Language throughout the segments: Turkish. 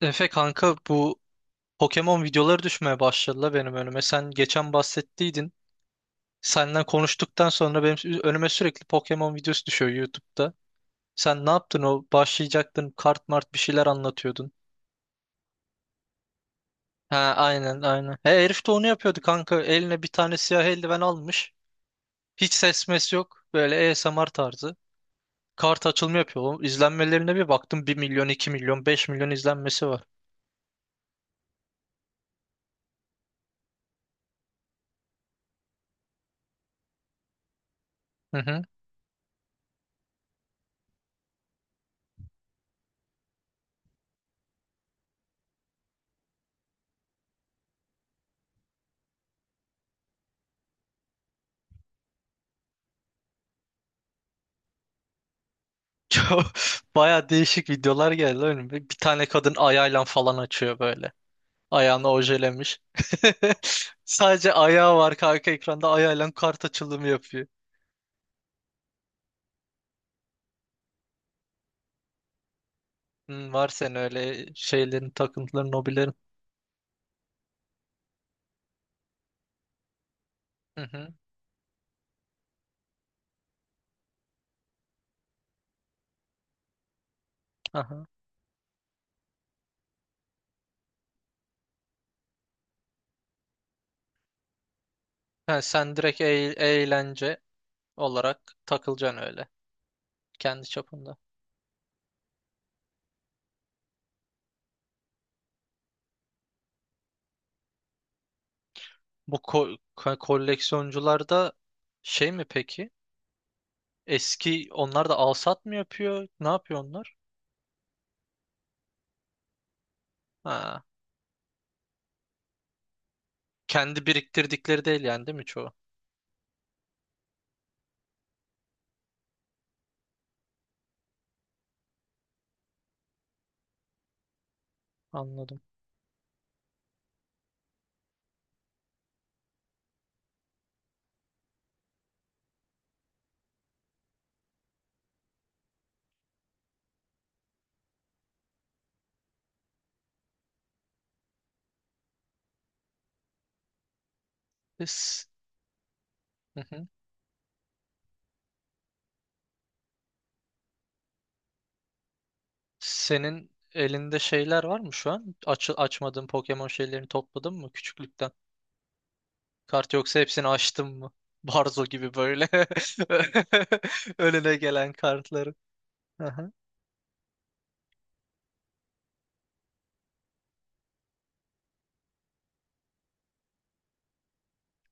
Efe kanka bu Pokemon videoları düşmeye başladı benim önüme. Sen geçen bahsettiydin. Senden konuştuktan sonra benim önüme sürekli Pokemon videosu düşüyor YouTube'da. Sen ne yaptın o? Başlayacaktın kart mart bir şeyler anlatıyordun. Ha, aynen. He, herif de onu yapıyordu kanka. Eline bir tane siyah eldiven almış. Hiç ses mes yok. Böyle ASMR tarzı. Kart açılımı yapıyor. Oğlum, İzlenmelerine bir baktım, 1 milyon, 2 milyon, 5 milyon izlenmesi var. Çok baya değişik videolar geldi önüme. Bir tane kadın ayağıyla falan açıyor böyle. Ayağını ojelemiş. Sadece ayağı var kanka, ekranda ayağıyla kart açılımı yapıyor. Hmm, var senin öyle şeylerin, takıntıların, hobilerin. Hı hı. Aha. Ha, sen direkt eğlence olarak takılacaksın öyle. Kendi çapında. Bu koleksiyoncular da şey mi peki? Eski onlar da alsat mı yapıyor? Ne yapıyor onlar? Ha. Kendi biriktirdikleri değil yani, değil mi çoğu? Anladım. Biz... Hı hı. Senin elinde şeyler var mı şu an? Açmadığın Pokemon şeylerini topladın mı küçüklükten? Kart yoksa hepsini açtın mı? Barzo gibi böyle. Önüne gelen kartları. Aha.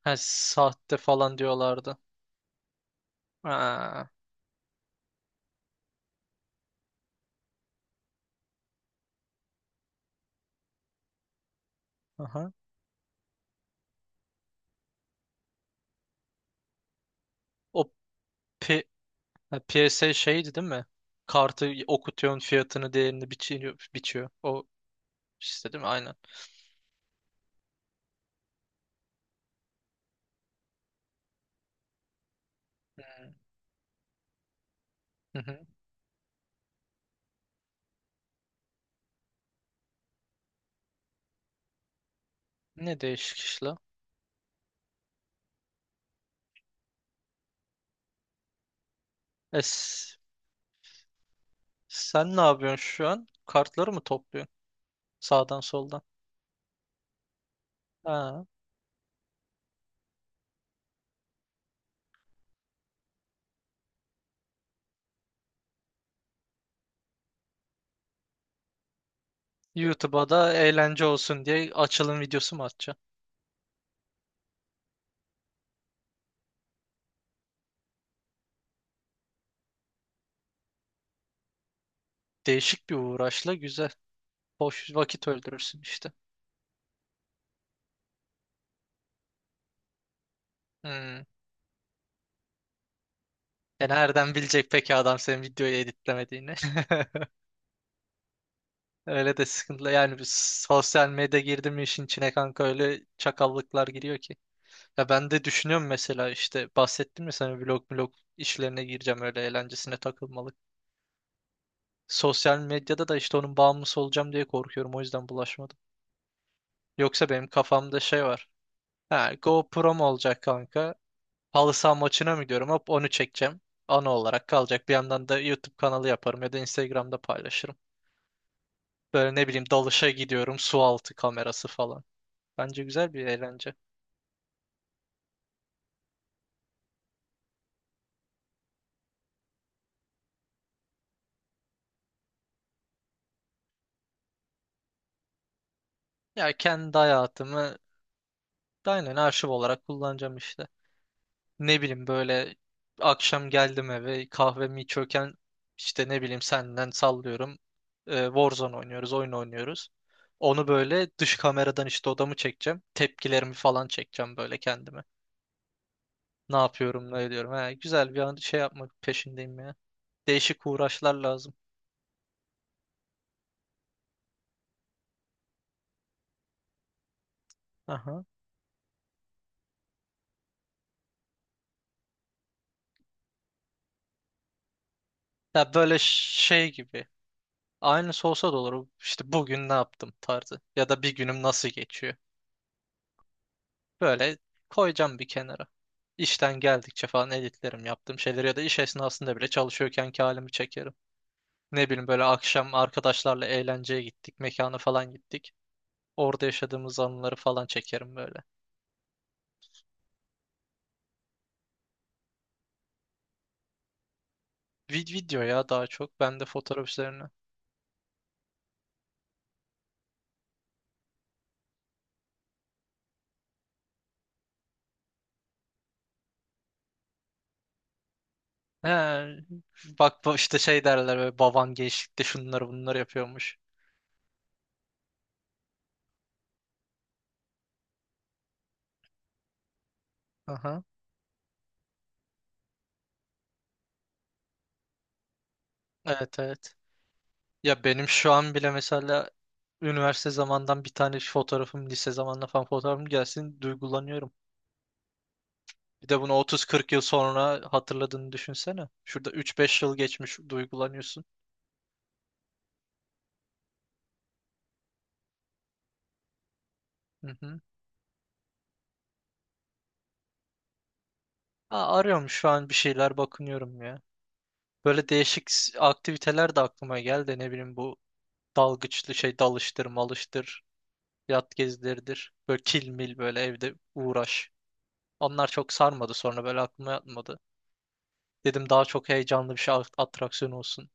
Ha, sahte falan diyorlardı. Ha, aha. O P ha, PSA şeydi değil mi? Kartı okutuyorsun, fiyatını değerini biçiyor. O işte değil mi? Aynen. Hı hı. Ne değişik işler. E, s- Sen ne yapıyorsun şu an? Kartları mı topluyorsun sağdan soldan? Ha. YouTube'a da eğlence olsun diye açılım videosu mu atacaksın? Değişik bir uğraşla güzel. Boş vakit öldürürsün işte. Hmm. E, nereden bilecek peki adam senin videoyu editlemediğini? Öyle de sıkıntılı. Yani biz, sosyal medya girdi mi işin içine kanka, öyle çakallıklar giriyor ki. Ya ben de düşünüyorum mesela, işte bahsettim ya sana, vlog işlerine gireceğim öyle eğlencesine takılmalık. Sosyal medyada da işte onun bağımlısı olacağım diye korkuyorum. O yüzden bulaşmadım. Yoksa benim kafamda şey var. Ha, GoPro'm olacak kanka. Halı saha maçına mı gidiyorum? Hop, onu çekeceğim. Ana olarak kalacak. Bir yandan da YouTube kanalı yaparım ya da Instagram'da paylaşırım. Böyle ne bileyim, dalışa gidiyorum. Su altı kamerası falan. Bence güzel bir eğlence. Ya kendi hayatımı aynen arşiv olarak kullanacağım işte. Ne bileyim böyle, akşam geldim eve, kahvemi içiyorken işte ne bileyim senden sallıyorum. Warzone oynuyoruz, oyun oynuyoruz. Onu böyle dış kameradan işte odamı çekeceğim. Tepkilerimi falan çekeceğim böyle kendime. Ne yapıyorum, ne ediyorum. He, güzel bir an şey yapmak peşindeyim ya. Değişik uğraşlar lazım. Aha. Ya böyle şey gibi. Aynısı olsa da olur. İşte bugün ne yaptım tarzı. Ya da bir günüm nasıl geçiyor. Böyle koyacağım bir kenara. İşten geldikçe falan editlerim yaptığım şeyleri, ya da iş esnasında bile çalışıyorken ki halimi çekerim. Ne bileyim böyle, akşam arkadaşlarla eğlenceye gittik, mekana falan gittik. Orada yaşadığımız anıları falan çekerim böyle. Video ya daha çok. Ben de fotoğraf üzerine. He, bak bu işte, şey derler böyle, baban gençlikte şunları bunları yapıyormuş. Aha. Evet, evet. Ya benim şu an bile mesela üniversite zamandan bir tane fotoğrafım, lise zamanla falan fotoğrafım gelsin, duygulanıyorum. Bir de bunu 30-40 yıl sonra hatırladığını düşünsene. Şurada 3-5 yıl geçmiş duygulanıyorsun. Hı hı. Aa, arıyorum şu an, bir şeyler bakınıyorum ya. Böyle değişik aktiviteler de aklıma geldi. Ne bileyim bu dalgıçlı şey, dalıştır malıştır. Yat gezileridir. Böyle kilmil, böyle evde uğraş. Onlar çok sarmadı, sonra böyle aklıma yatmadı. Dedim daha çok heyecanlı bir şey, atraksiyon olsun.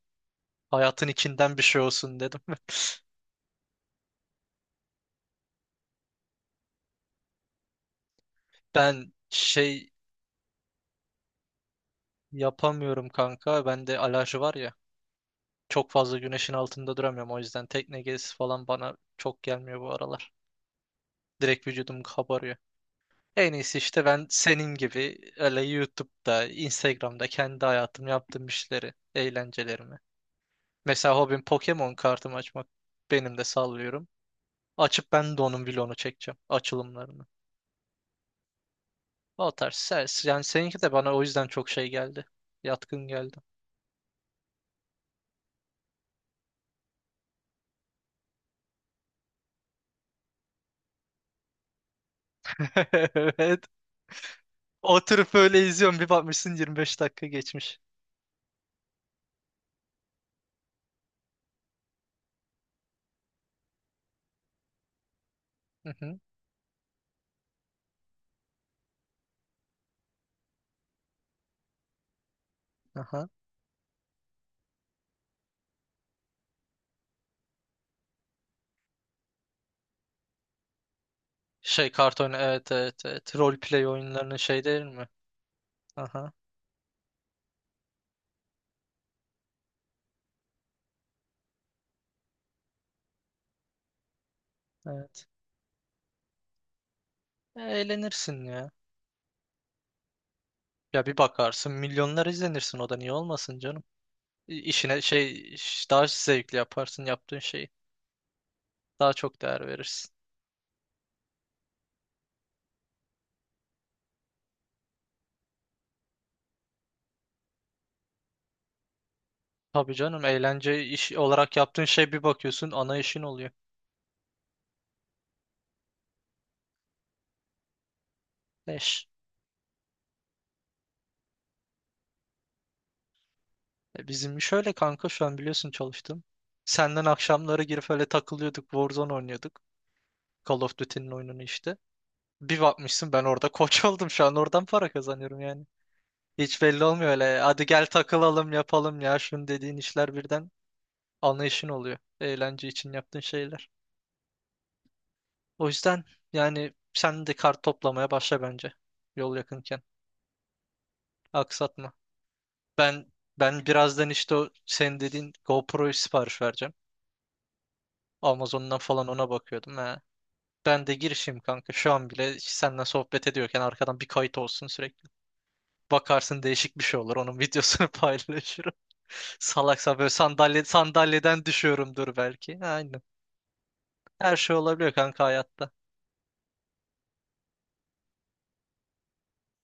Hayatın içinden bir şey olsun dedim. Ben şey yapamıyorum kanka. Bende alerji var ya. Çok fazla güneşin altında duramıyorum. O yüzden tekne gezisi falan bana çok gelmiyor bu aralar. Direkt vücudum kabarıyor. En iyisi işte ben senin gibi öyle YouTube'da, Instagram'da kendi hayatım, yaptığım işleri, eğlencelerimi. Mesela hobim Pokemon kartımı açmak. Benim de sallıyorum. Açıp ben de onun vlogunu çekeceğim. Açılımlarını. O tarz. Yani seninki de bana o yüzden çok şey geldi. Yatkın geldi. Evet. Oturup öyle izliyorum. Bir bakmışsın 25 dakika geçmiş. Hı hı. Aha. Şey kart oyunu, evet, evet. Roleplay oyunlarının şey değil mi? Aha, evet. E, eğlenirsin ya. Ya bir bakarsın milyonlar izlenirsin, o da niye olmasın canım. İşine şey, daha zevkli yaparsın yaptığın şeyi. Daha çok değer verirsin. Tabii canım, eğlence iş olarak yaptığın şey, bir bakıyorsun ana işin oluyor. Eş. E, bizim iş öyle kanka, şu an biliyorsun, çalıştım. Senden akşamları girip öyle takılıyorduk, Warzone oynuyorduk. Call of Duty'nin oyununu işte. Bir bakmışsın ben orada koç oldum, şu an oradan para kazanıyorum yani. Hiç belli olmuyor öyle. Hadi gel takılalım, yapalım ya. Şunu dediğin işler birden anlayışın oluyor. Eğlence için yaptığın şeyler. O yüzden yani sen de kart toplamaya başla bence. Yol yakınken. Aksatma. Ben ben birazdan işte o senin dediğin GoPro'yu sipariş vereceğim. Amazon'dan falan ona bakıyordum. He. Ben de girişim kanka. Şu an bile senden sohbet ediyorken arkadan bir kayıt olsun sürekli. Bakarsın değişik bir şey olur. Onun videosunu paylaşırım. Salaksa böyle sandalyeden düşüyorumdur belki. Aynen. Her şey olabiliyor kanka hayatta.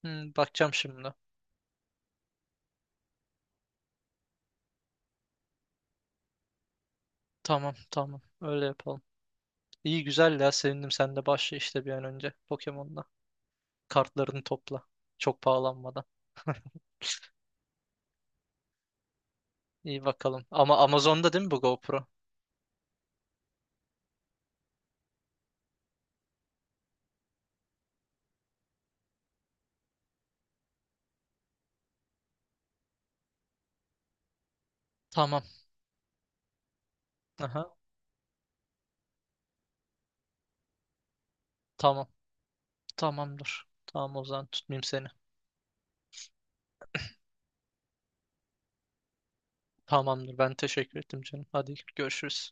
Hmm, bakacağım şimdi. Tamam. Öyle yapalım. İyi güzel ya, sevindim. Sen de başla işte bir an önce Pokemon'la. Kartlarını topla. Çok pahalanmadan. İyi bakalım. Ama Amazon'da değil mi bu GoPro? Tamam. Aha. Tamam. Tamamdır. Tamam, o zaman tutmayayım seni. Tamamdır. Ben teşekkür ettim canım. Hadi görüşürüz.